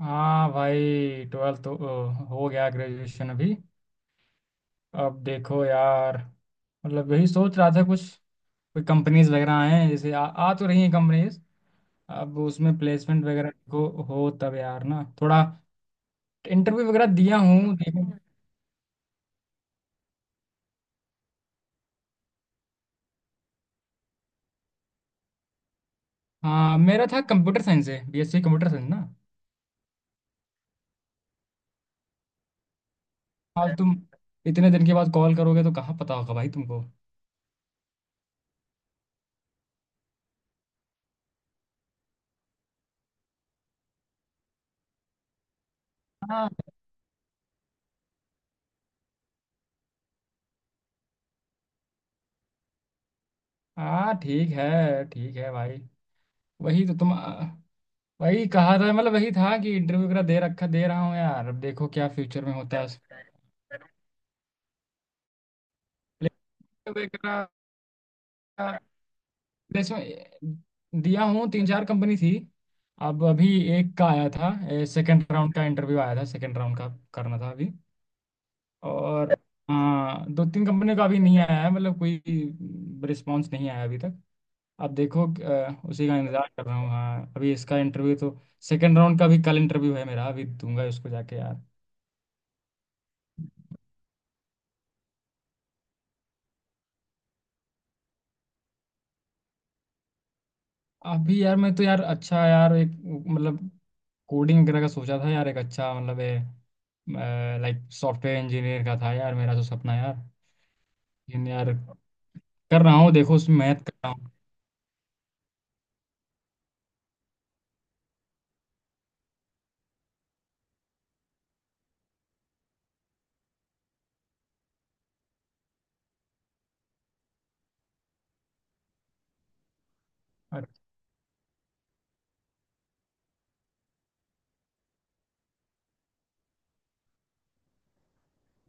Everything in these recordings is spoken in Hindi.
हाँ भाई ट्वेल्थ तो हो गया। ग्रेजुएशन अभी, अब देखो यार। मतलब यही सोच रहा था कुछ। कोई कंपनीज वगैरह हैं, जैसे आ तो रही हैं कंपनीज। अब उसमें प्लेसमेंट वगैरह को हो तब यार ना थोड़ा। इंटरव्यू वगैरह दिया हूँ देखो। हाँ, मेरा था कंप्यूटर साइंस है, बीएससी कंप्यूटर साइंस ना। आज तुम इतने दिन के बाद कॉल करोगे तो कहाँ पता होगा भाई तुमको। हाँ हाँ, ठीक है। ठीक है भाई। वही तो तुम, वही कहा था। मतलब वही था कि इंटरव्यू वगैरह दे रखा, दे रहा हूँ यार। अब देखो क्या फ्यूचर में होता है उसका। प्लेसमेंट वगैरह। प्लेसमेंट दिया हूँ, तीन चार कंपनी थी। अब अभी एक का आया था, सेकंड राउंड का इंटरव्यू आया था, सेकंड राउंड का करना था अभी। और हाँ, दो तीन कंपनी का अभी नहीं आया है, मतलब कोई रिस्पांस नहीं आया अभी तक। अब देखो, उसी का इंतजार कर रहा हूँ। हाँ, अभी इसका इंटरव्यू तो सेकंड राउंड का भी कल इंटरव्यू है मेरा, अभी दूंगा उसको जाके यार। अभी यार मैं तो यार, अच्छा यार, एक मतलब कोडिंग वगैरह का सोचा था यार, एक अच्छा, मतलब लाइक सॉफ्टवेयर इंजीनियर का था यार, मेरा तो सपना यार। लेकिन यार कर रहा हूँ देखो, उसमें मेहनत कर रहा हूँ।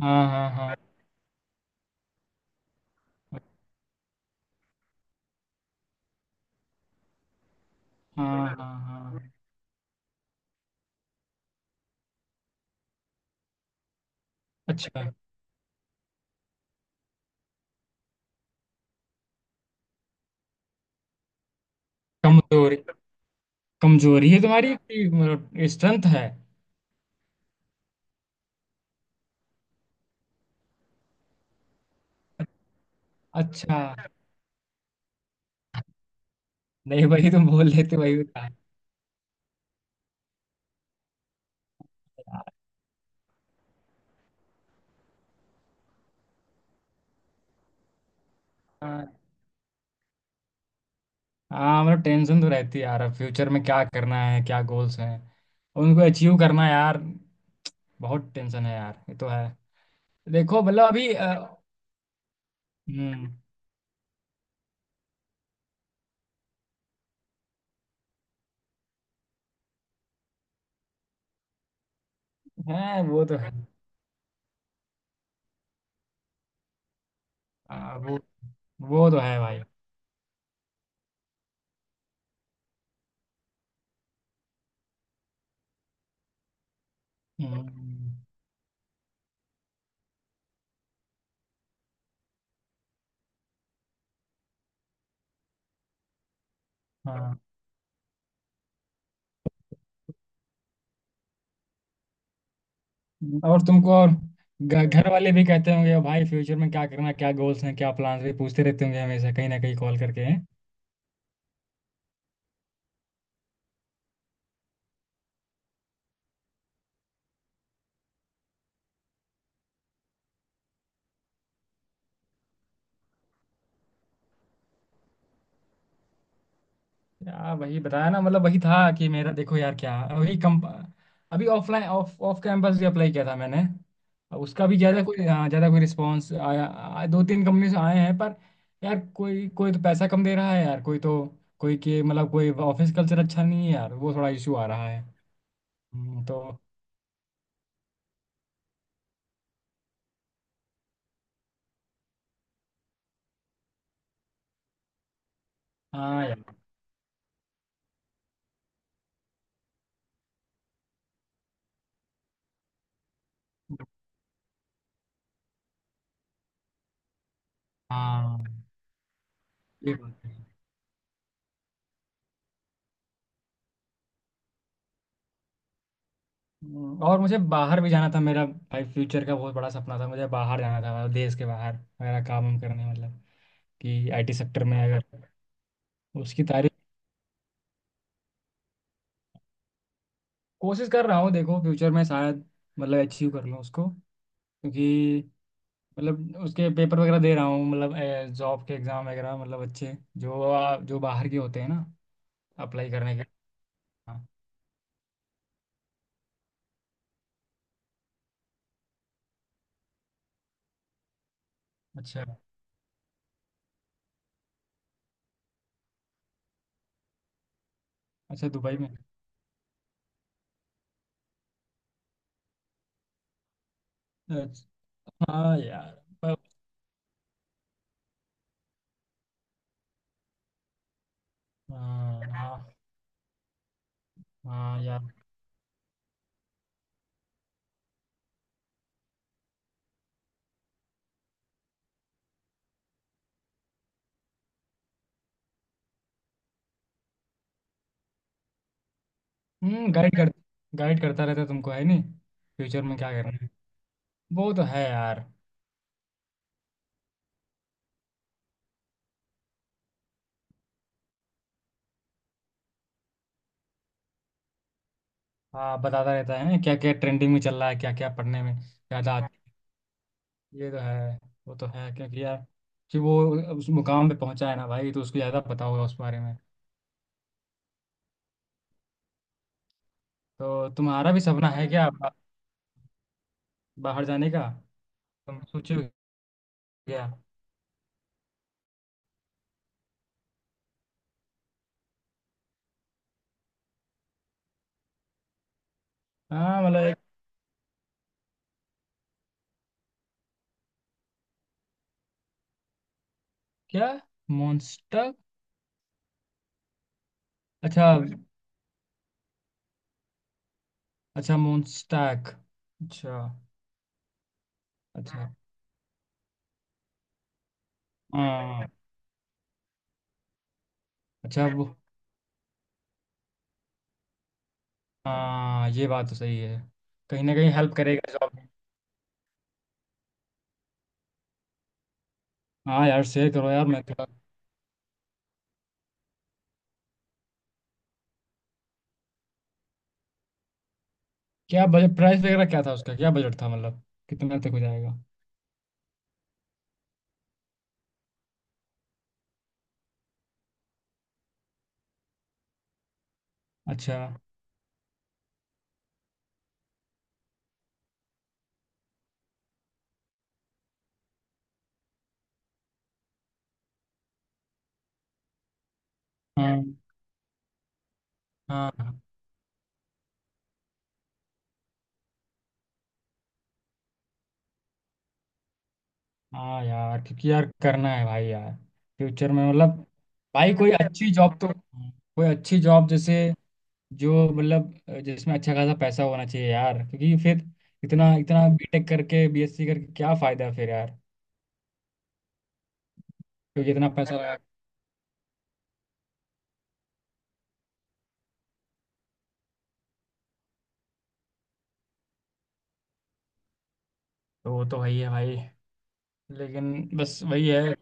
हाँ हाँ हाँ। हाँ हाँ हाँ। अच्छा। कमजोरी? कमजोरी है तुम्हारी कि मतलब स्ट्रेंथ है? अच्छा। नहीं भाई, तुम बोल लेते वही बता। हाँ। हाँ, मतलब टेंशन तो रहती है यार, फ्यूचर में क्या करना है, क्या गोल्स हैं, उनको अचीव करना यार। बहुत टेंशन है यार, ये तो है। देखो मतलब अभी हम्म। है, वो तो है। आ, वो वो तो है भाई। हम्म। हाँ। और तुमको, और घर वाले भी कहते होंगे भाई, फ्यूचर में क्या करना, क्या गोल्स हैं, क्या प्लान्स भी पूछते रहते होंगे हमेशा, कहीं ना कहीं कॉल करके। यार वही बताया ना, मतलब वही था कि मेरा, देखो यार, क्या वही कम। अभी ऑफलाइन ऑफ ऑफ कैंपस भी अप्लाई किया था मैंने। अब उसका भी ज़्यादा कोई, हाँ, ज़्यादा कोई रिस्पांस आया, दो तीन कंपनी से आए हैं पर, यार कोई कोई तो पैसा कम दे रहा है यार, कोई तो, कोई के मतलब कोई ऑफिस कल्चर अच्छा नहीं है यार, वो थोड़ा इशू आ रहा है। तो हाँ यार। हाँ, ये बात है। और मुझे बाहर भी जाना था। मेरा भाई फ्यूचर का बहुत बड़ा सपना था, मुझे बाहर जाना था, मतलब देश के बाहर, मेरा काम वाम करने, मतलब कि आईटी सेक्टर में अगर, उसकी तारीफ, कोशिश कर रहा हूँ देखो, फ्यूचर में शायद मतलब अचीव कर लूँ उसको। क्योंकि मतलब उसके पेपर वगैरह दे रहा हूँ, मतलब जॉब के एग्ज़ाम वगैरह, मतलब अच्छे जो, जो बाहर के होते हैं ना, अप्लाई करने के। हाँ। अच्छा। अच्छा दुबई में। अच्छा। हाँ यार। पर- हाँ हाँ। हाँ यार। हम्म, गाइड कर, गाइड करता रहता है तुमको है नहीं? फ्यूचर में क्या करना है, वो तो है यार। हाँ, बताता रहता है ना, क्या क्या ट्रेंडिंग में चल रहा है, क्या क्या पढ़ने में ज़्यादा। ये तो है। वो तो है, क्योंकि यार कि वो उस मुकाम पे पहुंचा है ना भाई, तो उसको ज़्यादा पता होगा उस बारे में। तो तुम्हारा भी सपना है क्या, बाहर जाने का? तुम सोचे हो क्या? हाँ, मतलब एक। क्या? मॉन्स्टर? अच्छा। अच्छा मॉन्स्टैक। अच्छा। अच्छा। हाँ अच्छा वो हाँ ये बात तो सही है। कहीं ना कहीं हेल्प करेगा जॉब। हाँ यार, शेयर करो यार, मैं थोड़ा। क्या बजट प्राइस वगैरह क्या था उसका, क्या बजट था, मतलब कितना तक हो जाएगा? अच्छा। हाँ। हाँ हाँ यार क्योंकि यार, करना है भाई यार। फ्यूचर में मतलब, भाई कोई अच्छी जॉब तो, कोई अच्छी जॉब जैसे जो मतलब जिसमें अच्छा खासा पैसा होना चाहिए यार, क्योंकि फिर, इतना इतना बीटेक करके बीएससी करके क्या फायदा फिर यार। क्योंकि इतना पैसा लगा। तो वो तो वही है भाई। लेकिन, बस वही है।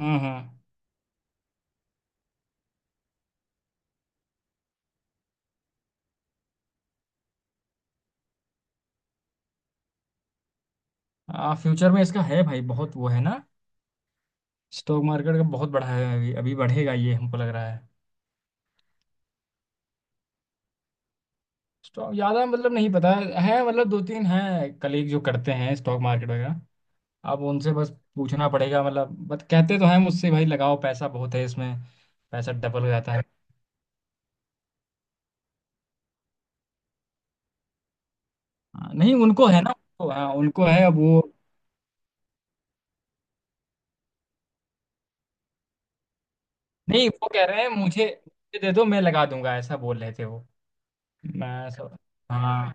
हाँ। हाँ, फ्यूचर में इसका है भाई बहुत, वो है ना स्टॉक मार्केट का बहुत बढ़ा है, अभी अभी बढ़ेगा ये हमको लग रहा है। स्टॉक ज्यादा मतलब नहीं पता है, मतलब दो तीन हैं कलीग जो करते हैं स्टॉक मार्केट वगैरह। आप उनसे बस पूछना पड़ेगा मतलब, बट कहते तो हैं मुझसे, भाई लगाओ पैसा, बहुत है इसमें, पैसा डबल हो जाता है। हाँ, नहीं उनको है ना, उनको, हाँ उनको है, अब वो। नहीं, वो कह रहे हैं मुझे, मुझे दे दो मैं लगा दूंगा, ऐसा बोल रहे थे वो। मैं सब। हाँ।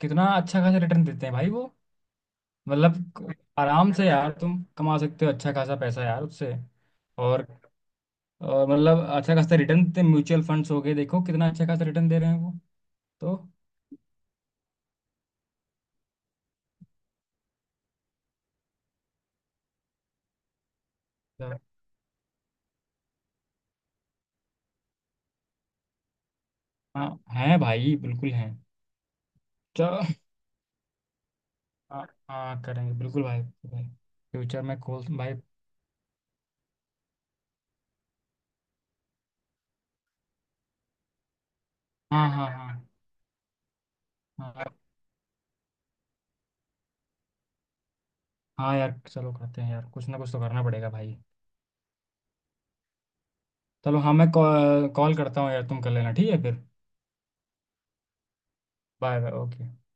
कितना अच्छा खासा रिटर्न देते हैं भाई वो। मतलब आराम से यार तुम कमा सकते हो अच्छा खासा पैसा यार उससे। और और मतलब अच्छा खासा रिटर्न देते म्यूचुअल फंड्स हो गए, देखो कितना अच्छा खासा रिटर्न दे रहे हैं वो। तो अच्छा, हाँ हैं भाई, बिल्कुल हैं। चलो। हाँ हाँ, करेंगे बिल्कुल भाई भाई। फ्यूचर में खोल भाई। हाँ हाँ हाँ। हाँ हाँ यार, चलो करते हैं यार, कुछ ना कुछ तो करना पड़ेगा भाई। चलो हाँ, मैं कॉल कॉल करता हूँ यार, तुम कर लेना, ठीक है फिर। Bye bye, okay.